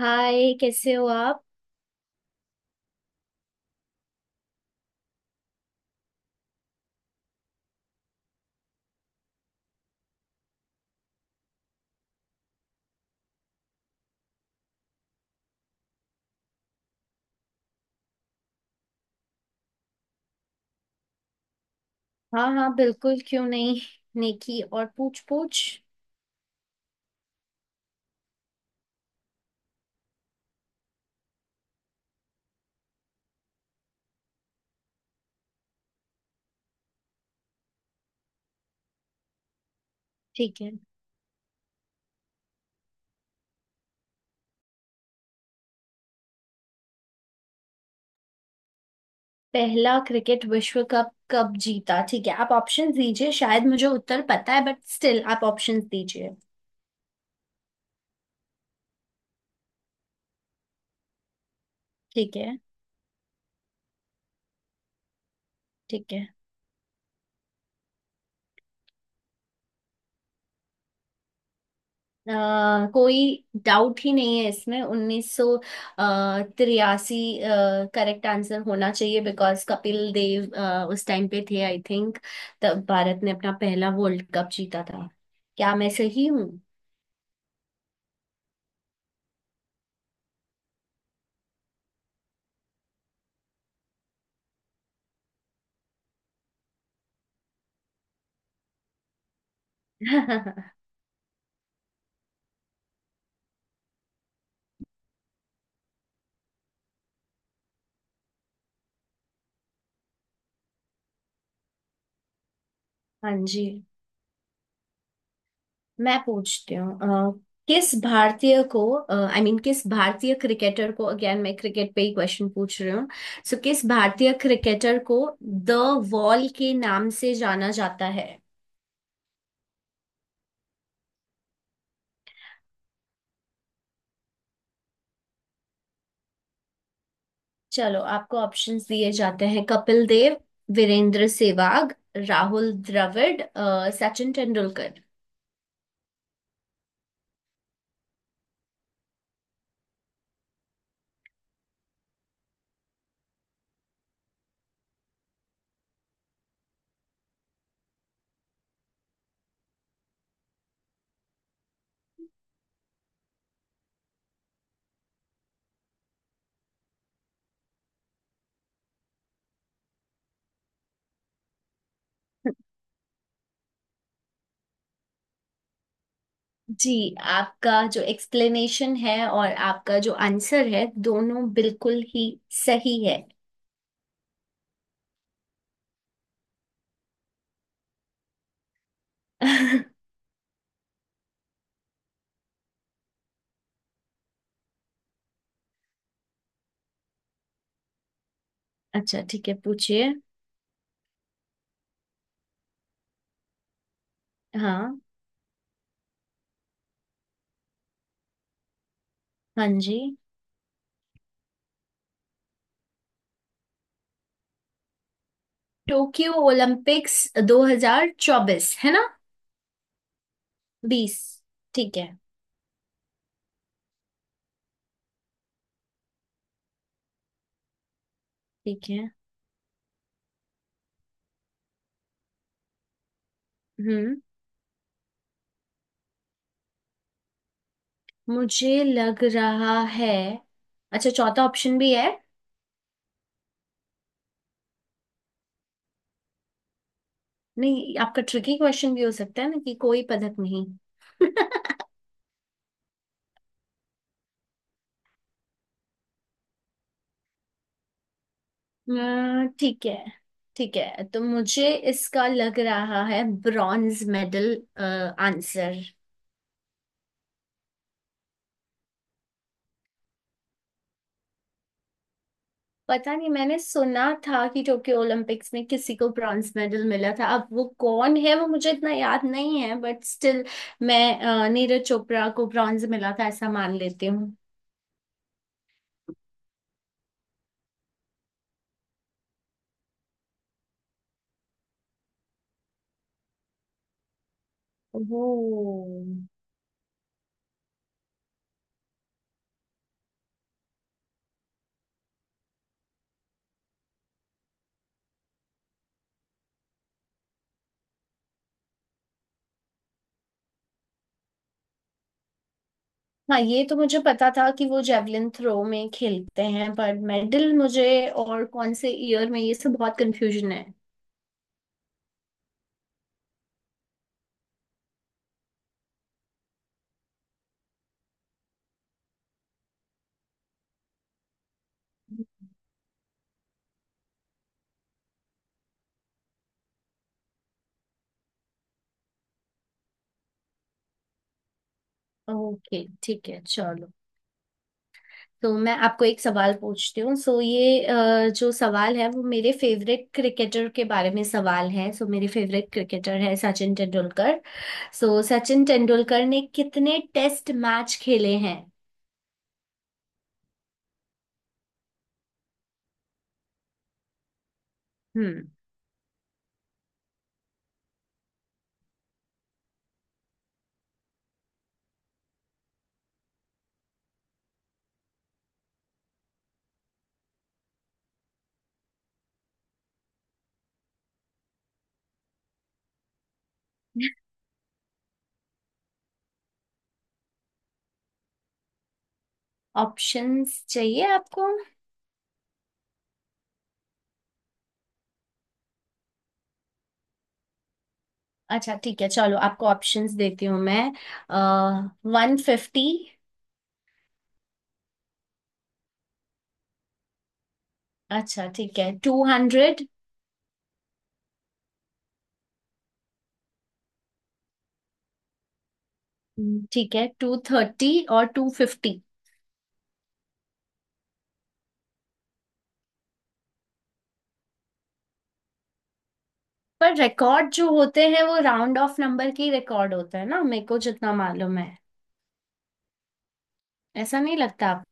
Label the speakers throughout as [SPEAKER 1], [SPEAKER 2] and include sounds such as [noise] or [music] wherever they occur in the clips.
[SPEAKER 1] हाय, कैसे हो आप। हाँ हाँ, बिल्कुल, क्यों नहीं। नेकी और पूछ पूछ। ठीक है। पहला क्रिकेट विश्व कप कब जीता? ठीक है, आप ऑप्शन दीजिए। शायद मुझे उत्तर पता है, बट स्टिल आप ऑप्शन दीजिए। ठीक है। ठीक है। अ, कोई डाउट ही नहीं है इसमें, उन्नीस सौ तिरासी करेक्ट आंसर होना चाहिए, बिकॉज कपिल देव उस टाइम पे थे, आई थिंक। तब भारत ने अपना पहला वर्ल्ड कप जीता था। क्या मैं सही हूँ? [laughs] हाँ जी, मैं पूछती हूँ। अ, किस भारतीय को, आई मीन किस भारतीय क्रिकेटर को, अगेन मैं क्रिकेट पे ही क्वेश्चन पूछ रही हूँ। सो किस भारतीय क्रिकेटर को द वॉल के नाम से जाना जाता है? चलो, आपको ऑप्शंस दिए जाते हैं। कपिल देव, वीरेंद्र सहवाग, राहुल द्रविड़, सचिन तेंदुलकर। जी, आपका जो एक्सप्लेनेशन है और आपका जो आंसर है दोनों बिल्कुल ही सही है। [laughs] अच्छा, ठीक है, पूछिए। हाँ। हाँ जी। टोक्यो ओलंपिक्स 2024, है ना? बीस। ठीक है। ठीक है। हम्म। मुझे लग रहा है। अच्छा, चौथा ऑप्शन भी है? नहीं, आपका ट्रिकी क्वेश्चन भी हो सकता है ना, कि कोई पदक नहीं। [laughs] ठीक है। ठीक है, तो मुझे इसका लग रहा है ब्रॉन्ज मेडल आंसर। पता नहीं, मैंने सुना था कि टोक्यो ओलंपिक्स में किसी को ब्रॉन्ज मेडल मिला था। अब वो कौन है वो मुझे इतना याद नहीं है, बट स्टिल मैं नीरज चोपड़ा को ब्रॉन्ज मिला था ऐसा मान लेती हूँ। ओह। हाँ, ये तो मुझे पता था कि वो जेवलिन थ्रो में खेलते हैं, पर मेडल मुझे और कौन से ईयर में, ये सब बहुत कंफ्यूजन है। ओके, ठीक है, चलो। तो मैं आपको एक सवाल पूछती हूँ। सो ये जो सवाल है वो मेरे फेवरेट क्रिकेटर के बारे में सवाल है। सो मेरे फेवरेट क्रिकेटर है सचिन तेंदुलकर। सो सचिन तेंदुलकर ने कितने टेस्ट मैच खेले हैं? हम्म। ऑप्शंस चाहिए आपको? अच्छा ठीक है, चलो आपको ऑप्शंस देती हूँ मैं। One fifty. अच्छा ठीक है, टू हंड्रेड। ठीक है, टू थर्टी और टू फिफ्टी। पर रिकॉर्ड जो होते हैं वो राउंड ऑफ नंबर के रिकॉर्ड होता है ना, मेरे को जितना मालूम है। ऐसा नहीं लगता आप।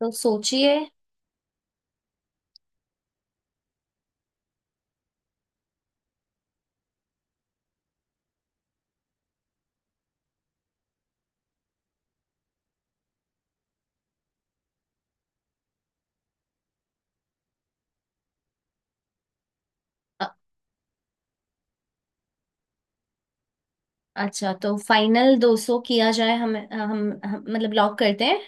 [SPEAKER 1] तो सोचिए। अ- अच्छा, तो फाइनल 200 किया जाए? हम मतलब लॉक करते हैं।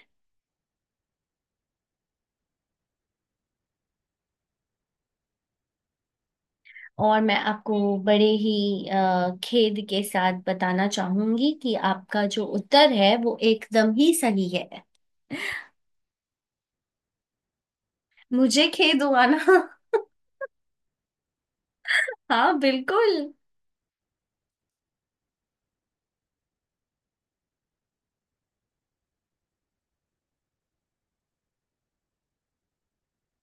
[SPEAKER 1] और मैं आपको बड़े ही खेद के साथ बताना चाहूंगी कि आपका जो उत्तर है वो एकदम ही सही है। मुझे खेद हुआ ना। [laughs] हाँ बिल्कुल।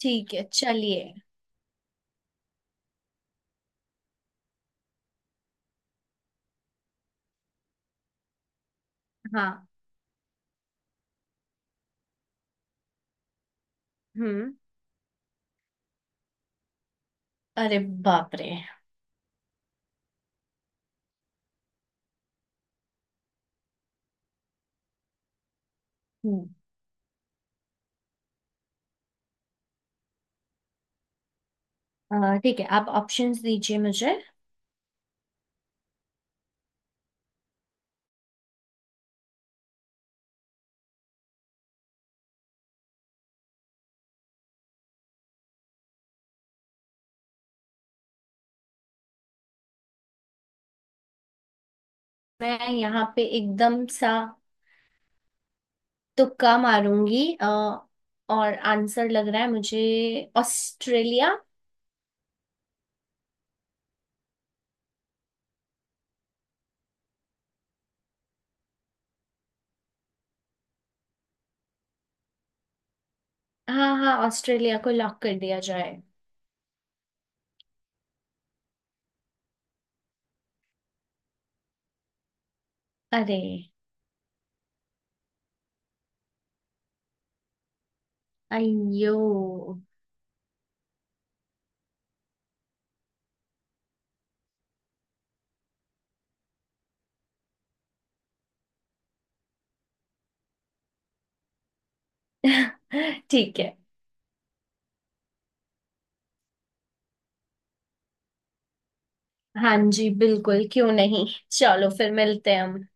[SPEAKER 1] ठीक है चलिए। हाँ। हम्म। अरे बाप रे। हम्म। ठीक है, आप ऑप्शंस दीजिए मुझे। मैं यहाँ पे एकदम सा तुक्का मारूंगी। और आंसर लग रहा है मुझे ऑस्ट्रेलिया। हाँ हाँ, ऑस्ट्रेलिया को लॉक कर दिया जाए। अरे। अयो। [laughs] ठीक है। हाँ जी, बिल्कुल, क्यों नहीं। चलो फिर मिलते हैं हम।